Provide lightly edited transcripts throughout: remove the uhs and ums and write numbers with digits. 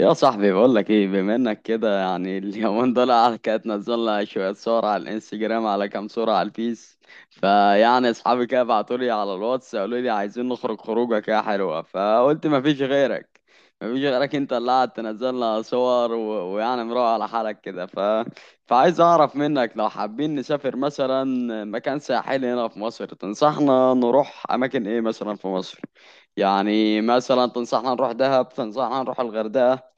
يا صاحبي بقول لك ايه، بما انك كده، يعني اليومين دول كانت نزلنا شويه صور على الانستجرام، على كام صوره على الفيس. فيعني اصحابي كده بعتوا لي على الواتس، قالوا لي عايزين نخرج خروجه كده حلوه. فقلت ما فيش غيرك، ما فيش غيرك انت اللي قاعد تنزل لنا صور ويعني مروق على حالك كده. فعايز اعرف منك لو حابين نسافر مثلا مكان ساحلي هنا في مصر، تنصحنا نروح اماكن ايه مثلا في مصر؟ يعني مثلا تنصحنا نروح دهب، تنصحنا نروح الغردقه،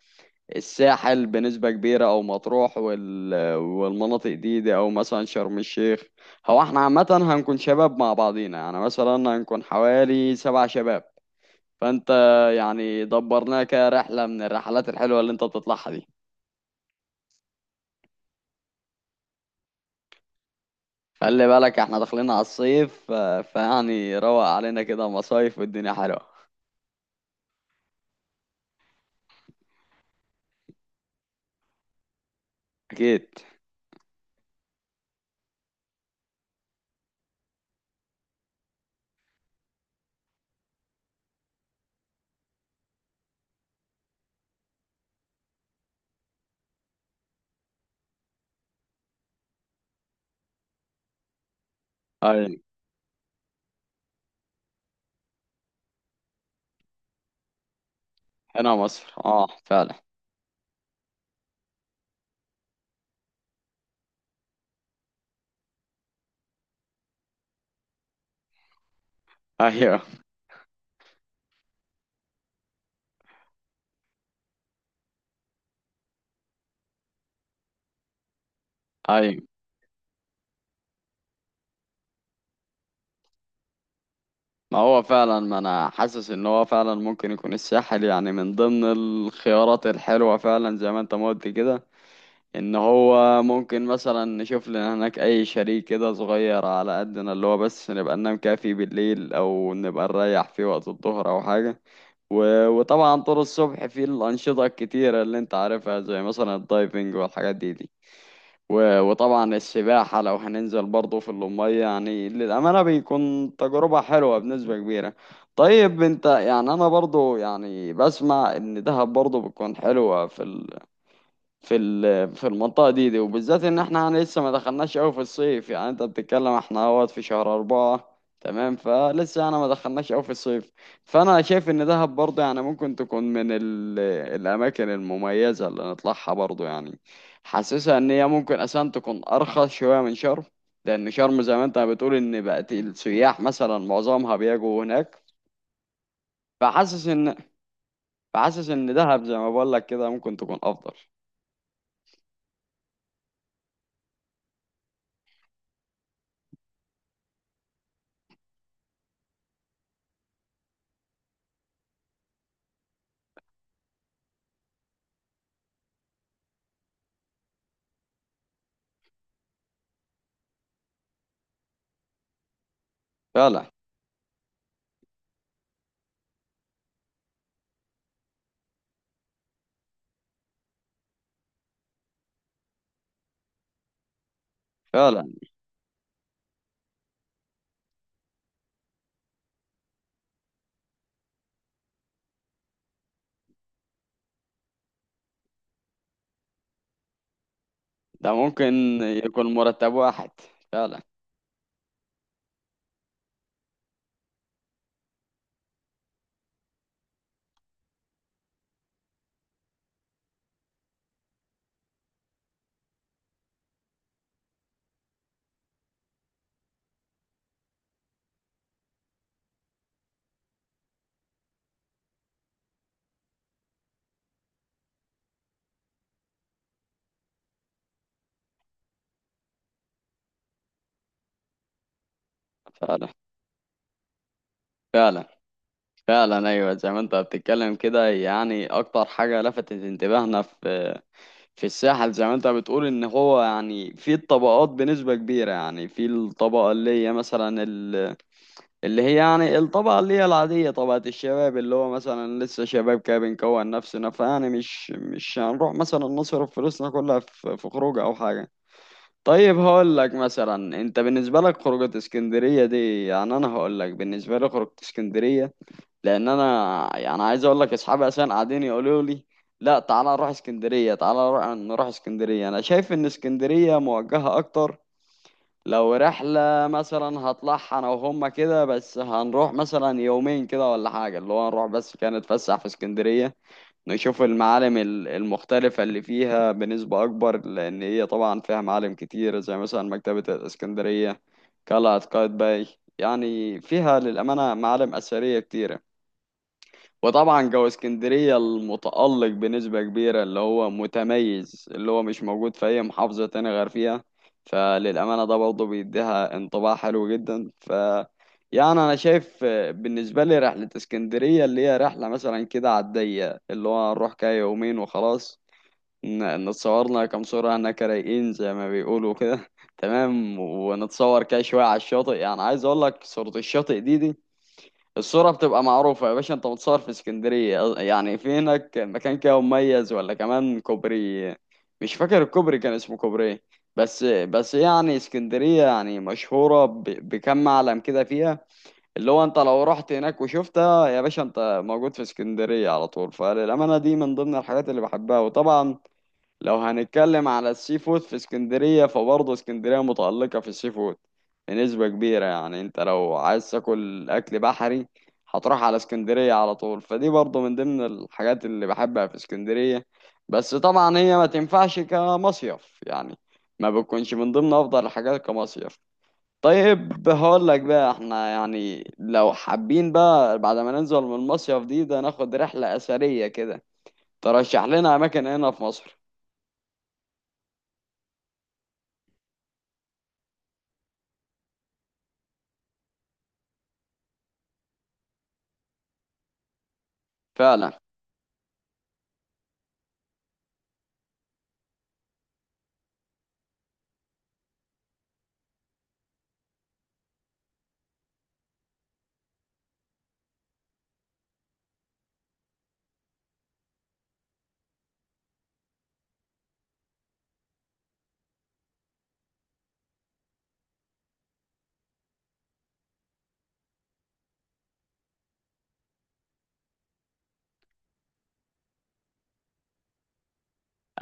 الساحل بنسبة كبيرة، أو مطروح والمناطق دي، أو مثلا شرم الشيخ. هو احنا عامة هنكون شباب مع بعضينا، يعني مثلا هنكون حوالي سبع شباب. فأنت، يعني دبرناها كرحلة من الرحلات الحلوة اللي أنت بتطلعها دي. خلي بالك احنا داخلين على الصيف، فيعني روق علينا كده، مصايف والدنيا حلوة. أكيد. أيوة. هنا مصر، أه فعلا. أيوة. أيوة. ما هو فعلا، ما انا حاسس ان هو فعلا ممكن يكون الساحل يعني من ضمن الخيارات الحلوة، فعلا زي ما انت ما قلت كده. ان هو ممكن مثلا نشوف لنا هناك اي شريك كده صغير على قدنا، اللي هو بس نبقى ننام كده فيه بالليل، او نبقى نريح فيه وقت الظهر او حاجة. وطبعا طول الصبح في الانشطة الكتيرة اللي انت عارفها، زي مثلا الدايفنج والحاجات دي. وطبعا السباحة لو هننزل برضه في المية، يعني للأمانة بيكون تجربة حلوة بنسبة كبيرة. طيب انت، يعني انا برضه يعني بسمع ان دهب برضه بتكون حلوة في في المنطقة دي، وبالذات ان احنا يعني لسه ما دخلناش قوي في الصيف، يعني انت بتتكلم احنا اهوت في شهر اربعة تمام، فلسه انا ما دخلناش قوي في الصيف. فانا شايف ان دهب برضه يعني ممكن تكون من الاماكن المميزة اللي نطلعها برضه يعني. حاسسها ان هي ممكن اساسا تكون ارخص شوية من شرم، لان شرم زي ما انت بتقول ان بقت السياح مثلا معظمها بيجوا هناك. فحاسس ان فحاسس ان دهب زي ما بقول لك كده ممكن تكون افضل. فعلا. فعلا. ده ممكن يكون مرتب واحد. فعلا. فعلا. فعلا. فعلا، ايوه زي ما انت بتتكلم كده، يعني اكتر حاجه لفتت انتباهنا في الساحل، زي ما انت بتقول ان هو يعني في الطبقات بنسبه كبيره، يعني في الطبقه اللي هي مثلا اللي هي يعني الطبقه اللي هي العاديه، طبقه الشباب اللي هو مثلا لسه شباب كده بنكون نفسنا، فيعني مش هنروح مثلا نصرف فلوسنا كلها في خروج او حاجه. طيب هقول لك مثلا، انت بالنسبه لك خروجه اسكندريه دي، يعني انا هقول لك بالنسبه لي خروجه اسكندريه، لان انا يعني عايز اقول لك اصحابي اصلا قاعدين يقولوا لي لا تعالى نروح اسكندريه، تعالى نروح اسكندريه. انا شايف ان اسكندريه موجهه اكتر. لو رحلة مثلا هطلعها أنا وهما كده، بس هنروح مثلا يومين كده ولا حاجة، اللي هو نروح بس كده نتفسح في اسكندرية، نشوف المعالم المختلفة اللي فيها بنسبة أكبر، لأن هي طبعا فيها معالم كتير زي مثلا مكتبة الإسكندرية، قلعة قايتباي. يعني فيها للأمانة معالم أثرية كتيرة، وطبعا جو اسكندرية المتألق بنسبة كبيرة اللي هو متميز اللي هو مش موجود في أي محافظة تانية غير فيها. فللأمانة ده برضه بيديها انطباع حلو جدا. يعني أنا شايف، بالنسبة لي رحلة اسكندرية اللي هي رحلة مثلا كده على الضيق، اللي هو نروح كده يومين وخلاص. نتصورنا كام صورة هناك رايقين زي ما بيقولوا كده تمام، ونتصور كده شوية على الشاطئ. يعني عايز أقول لك صورة الشاطئ دي، الصورة بتبقى معروفة يا باشا، انت متصور في اسكندرية، يعني في هناك مكان كده مميز ولا كمان كوبري. مش فاكر الكوبري كان اسمه كوبري ايه؟ بس يعني اسكندرية يعني مشهورة بكم معلم كده فيها، اللي هو انت لو رحت هناك وشفتها يا باشا انت موجود في اسكندرية على طول. فالأمانة دي من ضمن الحاجات اللي بحبها، وطبعا لو هنتكلم على السي فود في اسكندرية فبرضه اسكندرية متألقة في السي فود بنسبة كبيرة. يعني انت لو عايز تاكل اكل بحري هتروح على اسكندرية على طول، فدي برضه من ضمن الحاجات اللي بحبها في اسكندرية. بس طبعا هي ما تنفعش كمصيف يعني، ما بتكونش من ضمن افضل الحاجات كمصيف. طيب هقول لك بقى، احنا يعني لو حابين بقى بعد ما ننزل من المصيف دي ده، ناخد رحلة أثرية كده، ترشح لنا أماكن هنا في مصر؟ فعلا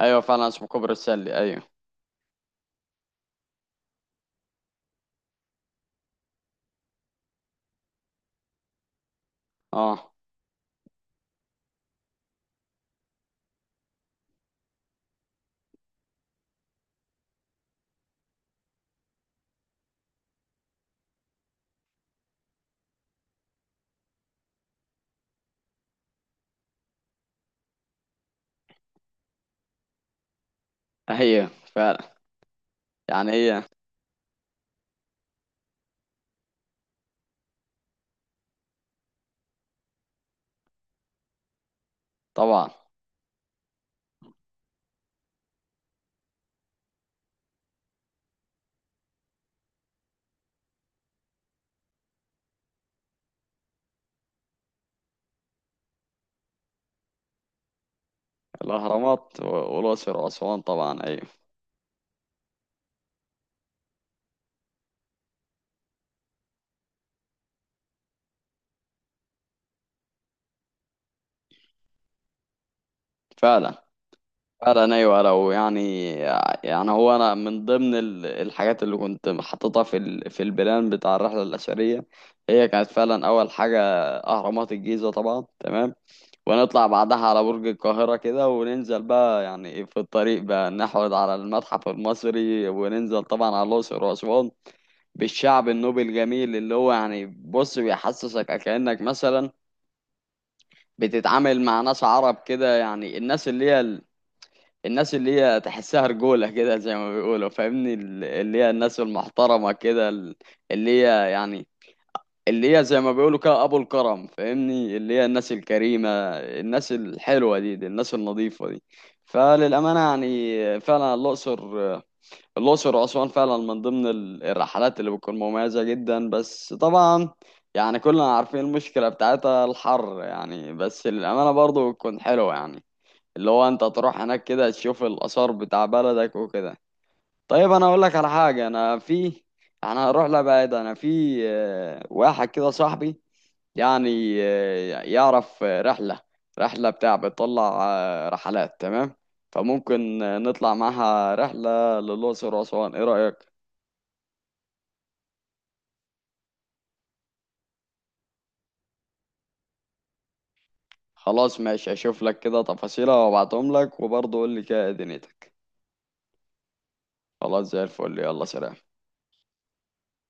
ايوه، فعلا اسمه كوبري السلي، ايوه. اه. هي فعلا، يعني هي طبعا. الاهرامات والاقصر واسوان طبعا، ايوه. فعلا. فعلا ايوه لو يعني، يعني هو انا من ضمن الحاجات اللي كنت حاططها في في البلان بتاع الرحله الاثريه، هي كانت فعلا اول حاجه اهرامات الجيزه طبعا، تمام. ونطلع بعدها على برج القاهره كده، وننزل بقى يعني في الطريق بقى نحود على المتحف المصري، وننزل طبعا على الاقصر واسوان بالشعب النوبي الجميل اللي هو يعني بص بيحسسك كأنك مثلا بتتعامل مع ناس عرب كده. يعني الناس اللي هي الناس اللي هي تحسها رجولة كده زي ما بيقولوا، فاهمني اللي هي الناس المحترمة كده، اللي هي يعني، اللي هي زي ما بيقولوا كده أبو الكرم، فاهمني اللي هي الناس الكريمة، الناس الحلوة دي، الناس النظيفة دي. فللأمانة يعني فعلا الأقصر وأسوان فعلا من ضمن الرحلات اللي بتكون مميزة جدا. بس طبعا يعني كلنا عارفين المشكلة بتاعتها الحر يعني، بس للأمانة برضه بتكون حلوة يعني، اللي هو أنت تروح هناك كده تشوف الآثار بتاع بلدك وكده. طيب أنا أقول لك على حاجة، أنا هروح لبعيد. أنا في واحد كده صاحبي، يعني يعرف، رحلة بتاع بتطلع رحلات تمام، فممكن نطلع معاها رحلة للأقصر وأسوان، إيه رأيك؟ خلاص ماشي، اشوف لك كده تفاصيلها وابعتهم لك، وبرضه قول لي كده إيه دنيتك. خلاص زي الفل، يلا سلام.